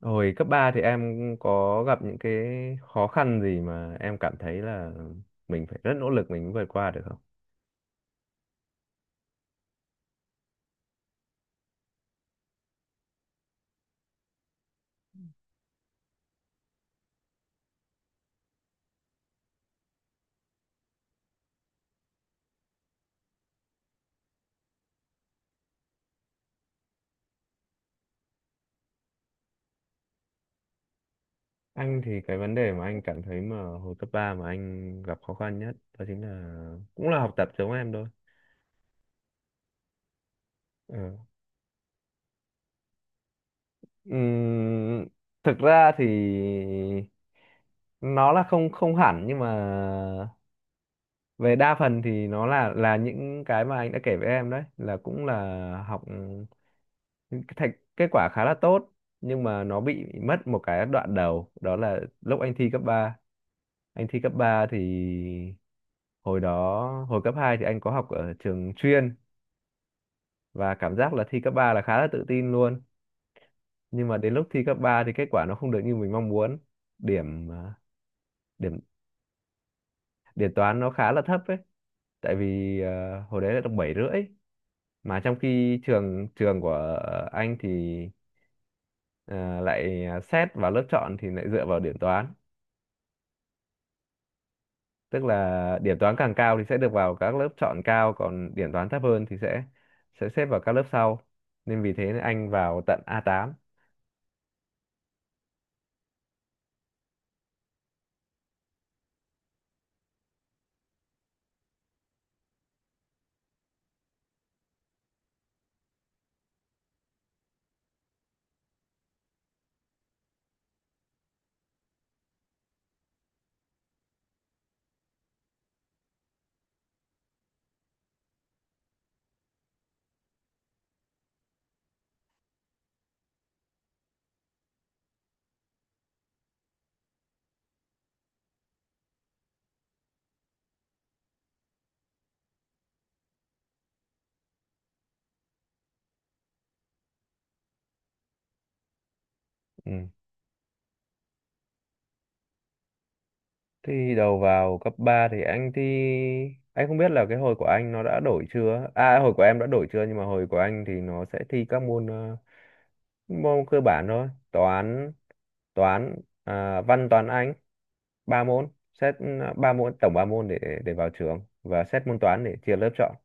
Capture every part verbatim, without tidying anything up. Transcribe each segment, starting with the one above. Hồi cấp ba thì em có gặp những cái khó khăn gì mà em cảm thấy là mình phải rất nỗ lực mình mới vượt qua được không? Anh thì cái vấn đề mà anh cảm thấy mà hồi cấp ba mà anh gặp khó khăn nhất đó chính là cũng là học tập giống em thôi. Ừ. Ừm, thực ra thì nó là không không hẳn, nhưng mà về đa phần thì nó là là những cái mà anh đã kể với em đấy, là cũng là học, cái thành kết quả khá là tốt, nhưng mà nó bị mất một cái đoạn đầu, đó là lúc anh thi cấp ba. Anh thi cấp ba thì Hồi đó, hồi cấp hai thì anh có học ở trường chuyên, và cảm giác là thi cấp ba là khá là tự tin luôn, nhưng mà đến lúc thi cấp ba thì kết quả nó không được như mình mong muốn. Điểm à, điểm điểm toán nó khá là thấp ấy, tại vì à, hồi đấy là được bảy rưỡi, mà trong khi trường trường của anh thì ờ, lại xét vào lớp chọn thì lại dựa vào điểm toán. Tức là điểm toán càng cao thì sẽ được vào các lớp chọn cao, còn điểm toán thấp hơn thì sẽ sẽ xếp vào các lớp sau, nên vì thế anh vào tận a tám. Ừ. Thì đầu vào cấp ba thì anh thi, anh không biết là cái hồi của anh nó đã đổi chưa, à hồi của em đã đổi chưa, nhưng mà hồi của anh thì nó sẽ thi các môn ờ, môn cơ bản thôi. Toán toán à, Văn, toán, Anh, ba môn xét, ừ, ba môn, tổng ba môn để để vào trường, và xét môn toán để chia lớp chọn.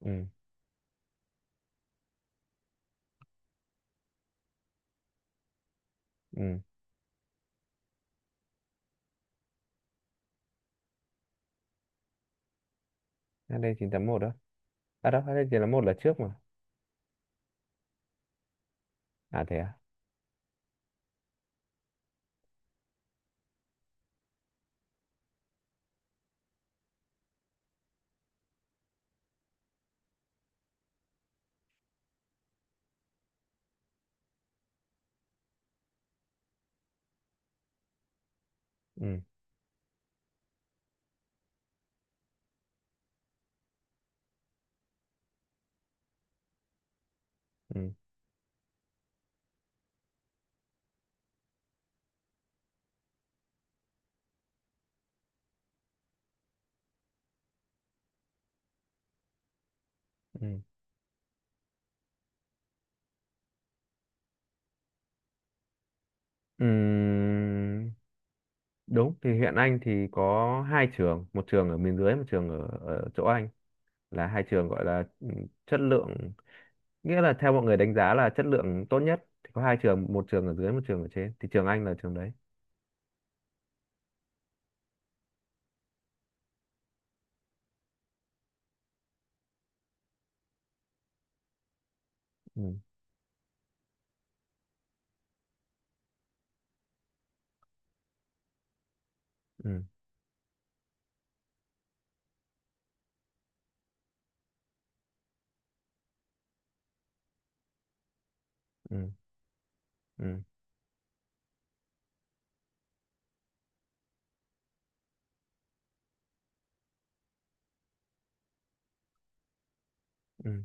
Ừ. Ừ. Hát đê chín, hát đê một đó. À, đâu, hát đê một là trước mà. À thế à. Ừ. Ừ. Ừ. Ừm, đúng, thì huyện Anh thì có hai trường, một trường ở miền dưới, một trường ở, ở chỗ Anh, là hai trường gọi là ừ, chất lượng, nghĩa là theo mọi người đánh giá là chất lượng tốt nhất thì có hai trường, một trường ở dưới, một trường ở trên, thì trường anh là trường đấy. Ừ. Ừ. Ừ. Ừ. Ừ.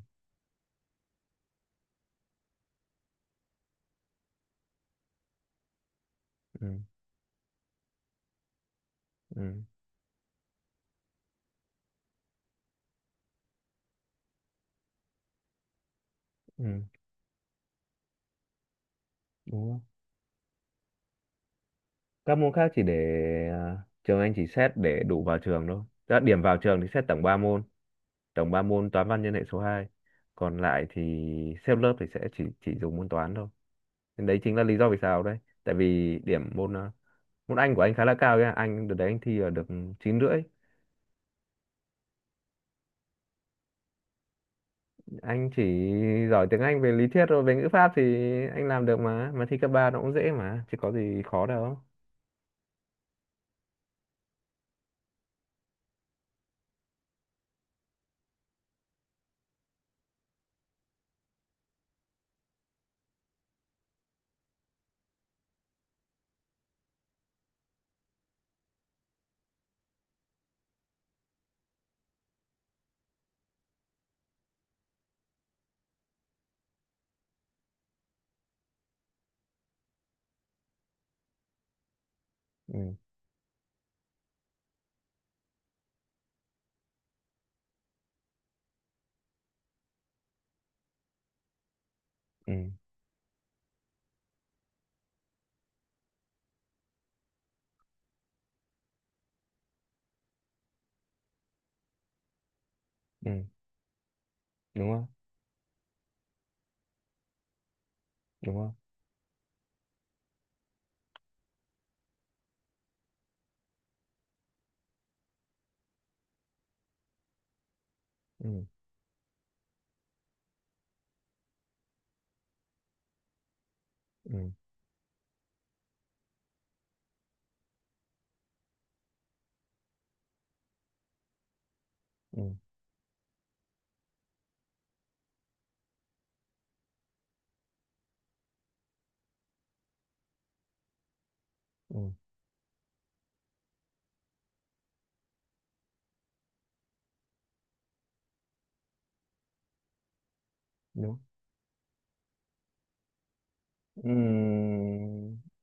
Ừ. Ừ. Ừ. Đúng không? Các môn khác chỉ để, à, trường anh chỉ xét để đủ vào trường thôi. Đã điểm vào trường thì xét tổng ba môn, tổng ba môn toán văn nhân hệ số hai. Còn lại thì xếp lớp thì sẽ chỉ chỉ dùng môn toán thôi. Nên đấy chính là lý do vì sao đấy, tại vì điểm môn à, môn Anh của anh khá là cao ấy. Ạ. Anh đợt đấy anh thi ở được chín rưỡi. Anh chỉ giỏi tiếng Anh, về lý thuyết rồi về ngữ pháp thì anh làm được, mà mà thi cấp ba nó cũng dễ mà, chứ có gì khó đâu. Ừ. Ừ. Ừ. Đúng không? Đúng không? Ừ. Ừ. Ừ. Ừ. Đúng. Ừ.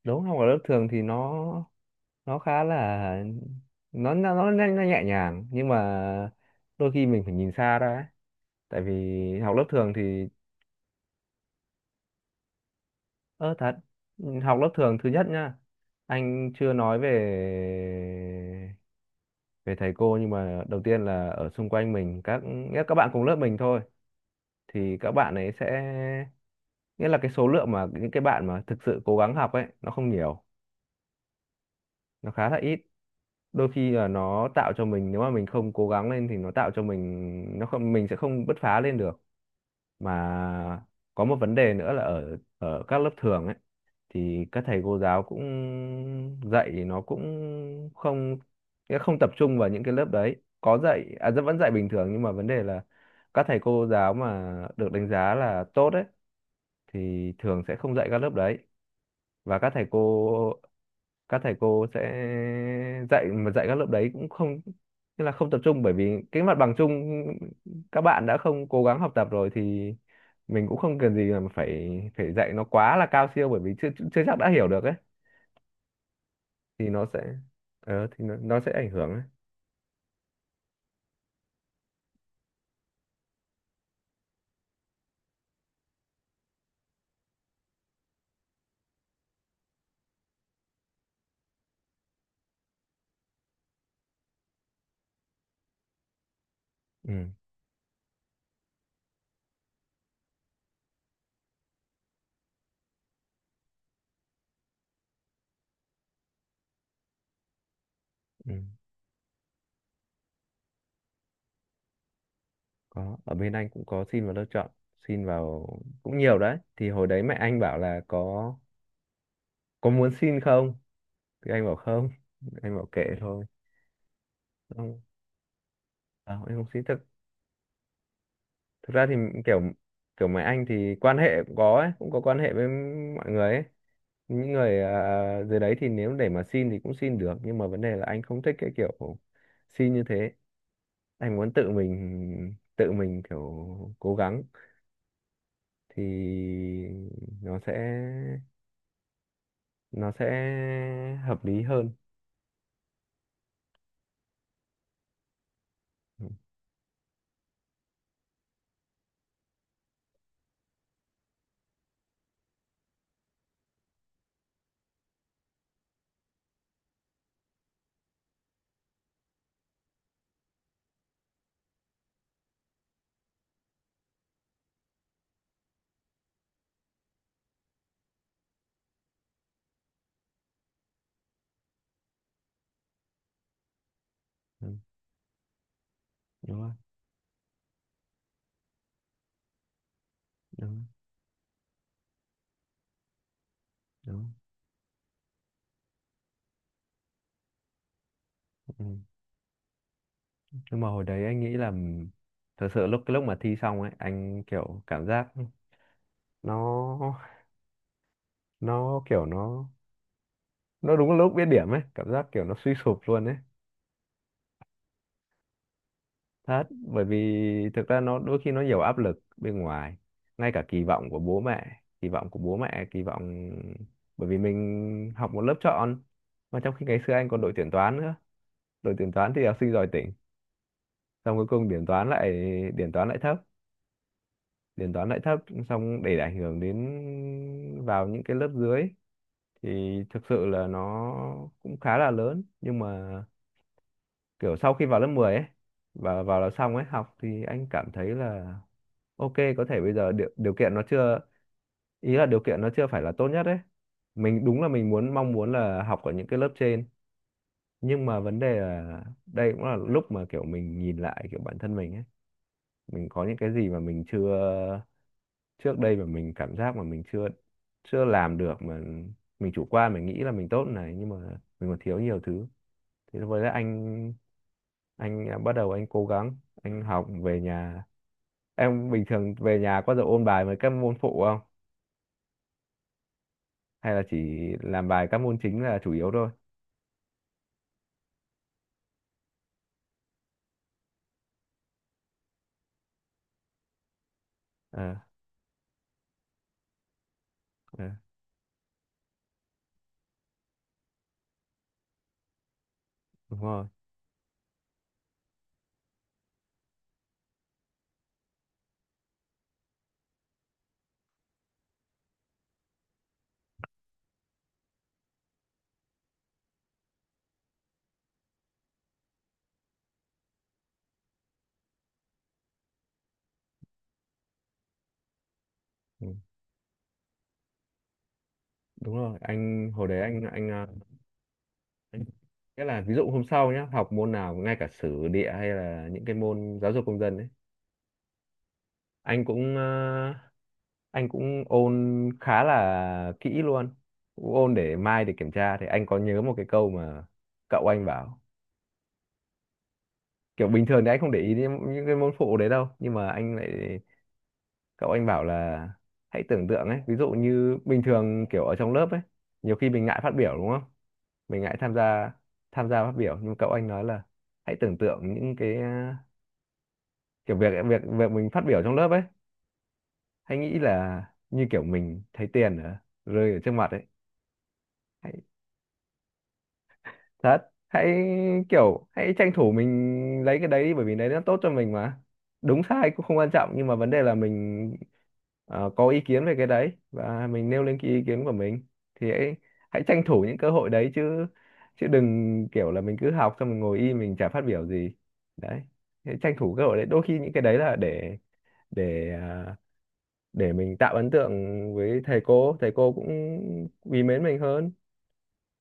Đúng, học ở lớp thường thì nó nó khá là, nó nó, nó, nhẹ- nó nhẹ nhàng, nhưng mà đôi khi mình phải nhìn xa ra ấy, tại vì học lớp thường thì ơ, thật. Học lớp thường, thứ nhất nhá, anh chưa nói về về thầy cô, nhưng mà đầu tiên là ở xung quanh mình, các, nghĩa là các bạn cùng lớp mình thôi, thì các bạn ấy sẽ, nghĩa là cái số lượng mà những cái bạn mà thực sự cố gắng học ấy nó không nhiều, nó khá là ít. Đôi khi là nó tạo cho mình, nếu mà mình không cố gắng lên thì nó tạo cho mình, nó không, mình sẽ không bứt phá lên được. Mà có một vấn đề nữa là ở ở các lớp thường ấy, thì các thầy cô giáo cũng dạy nó cũng không, nghĩa không tập trung vào những cái lớp đấy. Có dạy, à rất- vẫn dạy bình thường, nhưng mà vấn đề là các thầy cô giáo mà được đánh giá là tốt ấy thì thường sẽ không dạy các lớp đấy. Và các thầy cô, các thầy cô sẽ dạy, mà dạy các lớp đấy cũng không, tức là không tập trung, bởi vì cái mặt bằng chung các bạn đã không cố gắng học tập rồi, thì mình cũng không cần gì mà phải phải dạy nó quá là cao siêu, bởi vì chưa chưa chắc đã hiểu được ấy. Thì nó sẽ, ờ thì nó, nó sẽ ảnh hưởng ấy. Ừ. Ừ. Có, ở bên anh cũng có xin vào lớp chọn, xin vào cũng nhiều đấy. Thì hồi đấy mẹ anh bảo là có có muốn xin không, thì anh bảo không, anh bảo kệ thôi. Không, không, em không xin. Thực thực ra thì, kiểu kiểu mấy anh thì quan hệ cũng có ấy, cũng có quan hệ với mọi người ấy, những người, à, dưới đấy thì nếu để mà xin thì cũng xin được, nhưng mà vấn đề là anh không thích cái kiểu xin như thế. Anh muốn tự mình, tự mình kiểu cố gắng, thì nó sẽ nó sẽ hợp lý hơn. Ừ. Ừ. Đúng rồi. Đúng rồi. Đúng rồi. Ừ. Nhưng mà hồi đấy anh nghĩ là thật sự lúc, cái lúc mà thi xong ấy, anh kiểu cảm giác nó nó kiểu nó nó đúng lúc biết điểm ấy, cảm giác kiểu nó suy sụp luôn ấy, thật. Bởi vì thực ra nó đôi khi nó nhiều áp lực bên ngoài, ngay cả kỳ vọng của bố mẹ, kỳ vọng của bố mẹ kỳ vọng bởi vì mình học một lớp chọn, mà trong khi ngày xưa anh còn đội tuyển toán nữa. Đội tuyển toán thì học sinh giỏi tỉnh, xong cuối cùng điểm toán lại, điểm toán lại thấp điểm toán lại thấp, xong để ảnh hưởng đến, vào những cái lớp dưới, thì thực sự là nó cũng khá là lớn. Nhưng mà kiểu sau khi vào lớp mười ấy, và vào là xong ấy, học thì anh cảm thấy là ok, có thể bây giờ điều, điều kiện nó chưa, ý là điều kiện nó chưa phải là tốt nhất ấy, mình đúng là mình muốn, mong muốn là học ở những cái lớp trên, nhưng mà vấn đề là đây cũng là lúc mà kiểu mình nhìn lại kiểu bản thân mình ấy, mình có những cái gì mà mình chưa, trước đây mà mình cảm giác mà mình chưa chưa làm được, mà mình chủ quan, mình nghĩ là mình tốt này, nhưng mà mình còn thiếu nhiều thứ. Thì lúc đấy anh, anh à, bắt đầu anh cố gắng, anh học về nhà. Em bình thường về nhà có giờ ôn bài với các môn phụ không? Hay là chỉ làm bài các môn chính là chủ yếu thôi? Ờ. Ờ, đúng rồi. Ừ, đúng rồi. Anh hồi đấy anh, anh à, anh nghĩa là ví dụ hôm sau nhá, học môn nào ngay cả sử địa hay là những cái môn giáo dục công dân ấy, anh cũng, ờ, anh cũng ôn khá là kỹ luôn, cũng ôn để mai để kiểm tra. Thì anh có nhớ một cái câu mà cậu anh bảo, kiểu bình thường thì anh không để ý đến những cái môn phụ đấy đâu, nhưng mà anh lại, cậu anh bảo là hãy tưởng tượng ấy, ví dụ như bình thường kiểu ở trong lớp ấy nhiều khi mình ngại phát biểu đúng không, mình ngại tham gia, tham gia phát biểu, nhưng cậu anh nói là hãy tưởng tượng những cái, à, kiểu việc, việc việc mình phát biểu trong lớp ấy, hãy nghĩ là như kiểu mình thấy tiền ở, rơi ở trước mặt ấy, thật. Hãy kiểu, hãy tranh thủ mình lấy cái đấy đi bởi vì đấy nó tốt cho mình mà, đúng sai cũng không quan trọng, nhưng mà vấn đề là mình, ờ, có ý kiến về cái đấy và mình nêu lên cái ý kiến của mình. Thì hãy, hãy tranh thủ những cơ hội đấy chứ, chứ đừng kiểu là mình cứ học xong mình ngồi im mình chả phát biểu gì. Đấy, hãy tranh thủ cơ hội đấy, đôi khi những cái đấy là để, để à, để mình tạo ấn tượng với thầy cô, thầy cô cũng quý mến mình hơn.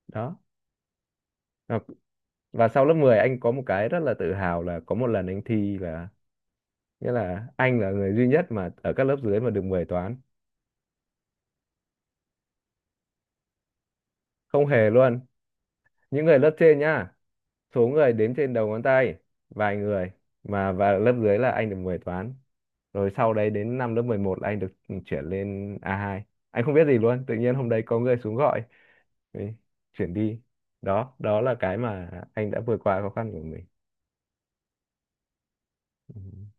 Đó. Và sau lớp mười anh có một cái rất là tự hào là có một lần anh thi là, nghĩa là anh là người duy nhất mà ở các lớp dưới mà được mười toán. Không hề luôn, những người lớp trên nhá, số người đếm trên đầu ngón tay, vài người, mà và lớp dưới là anh được mười toán. Rồi sau đấy đến năm lớp mười một là anh được, ừ, chuyển lên a hai. Anh không biết gì luôn, tự nhiên hôm đấy có người xuống gọi: "Ê, chuyển đi." Đó, đó là cái mà anh đã vượt qua khó khăn của mình. Ừ.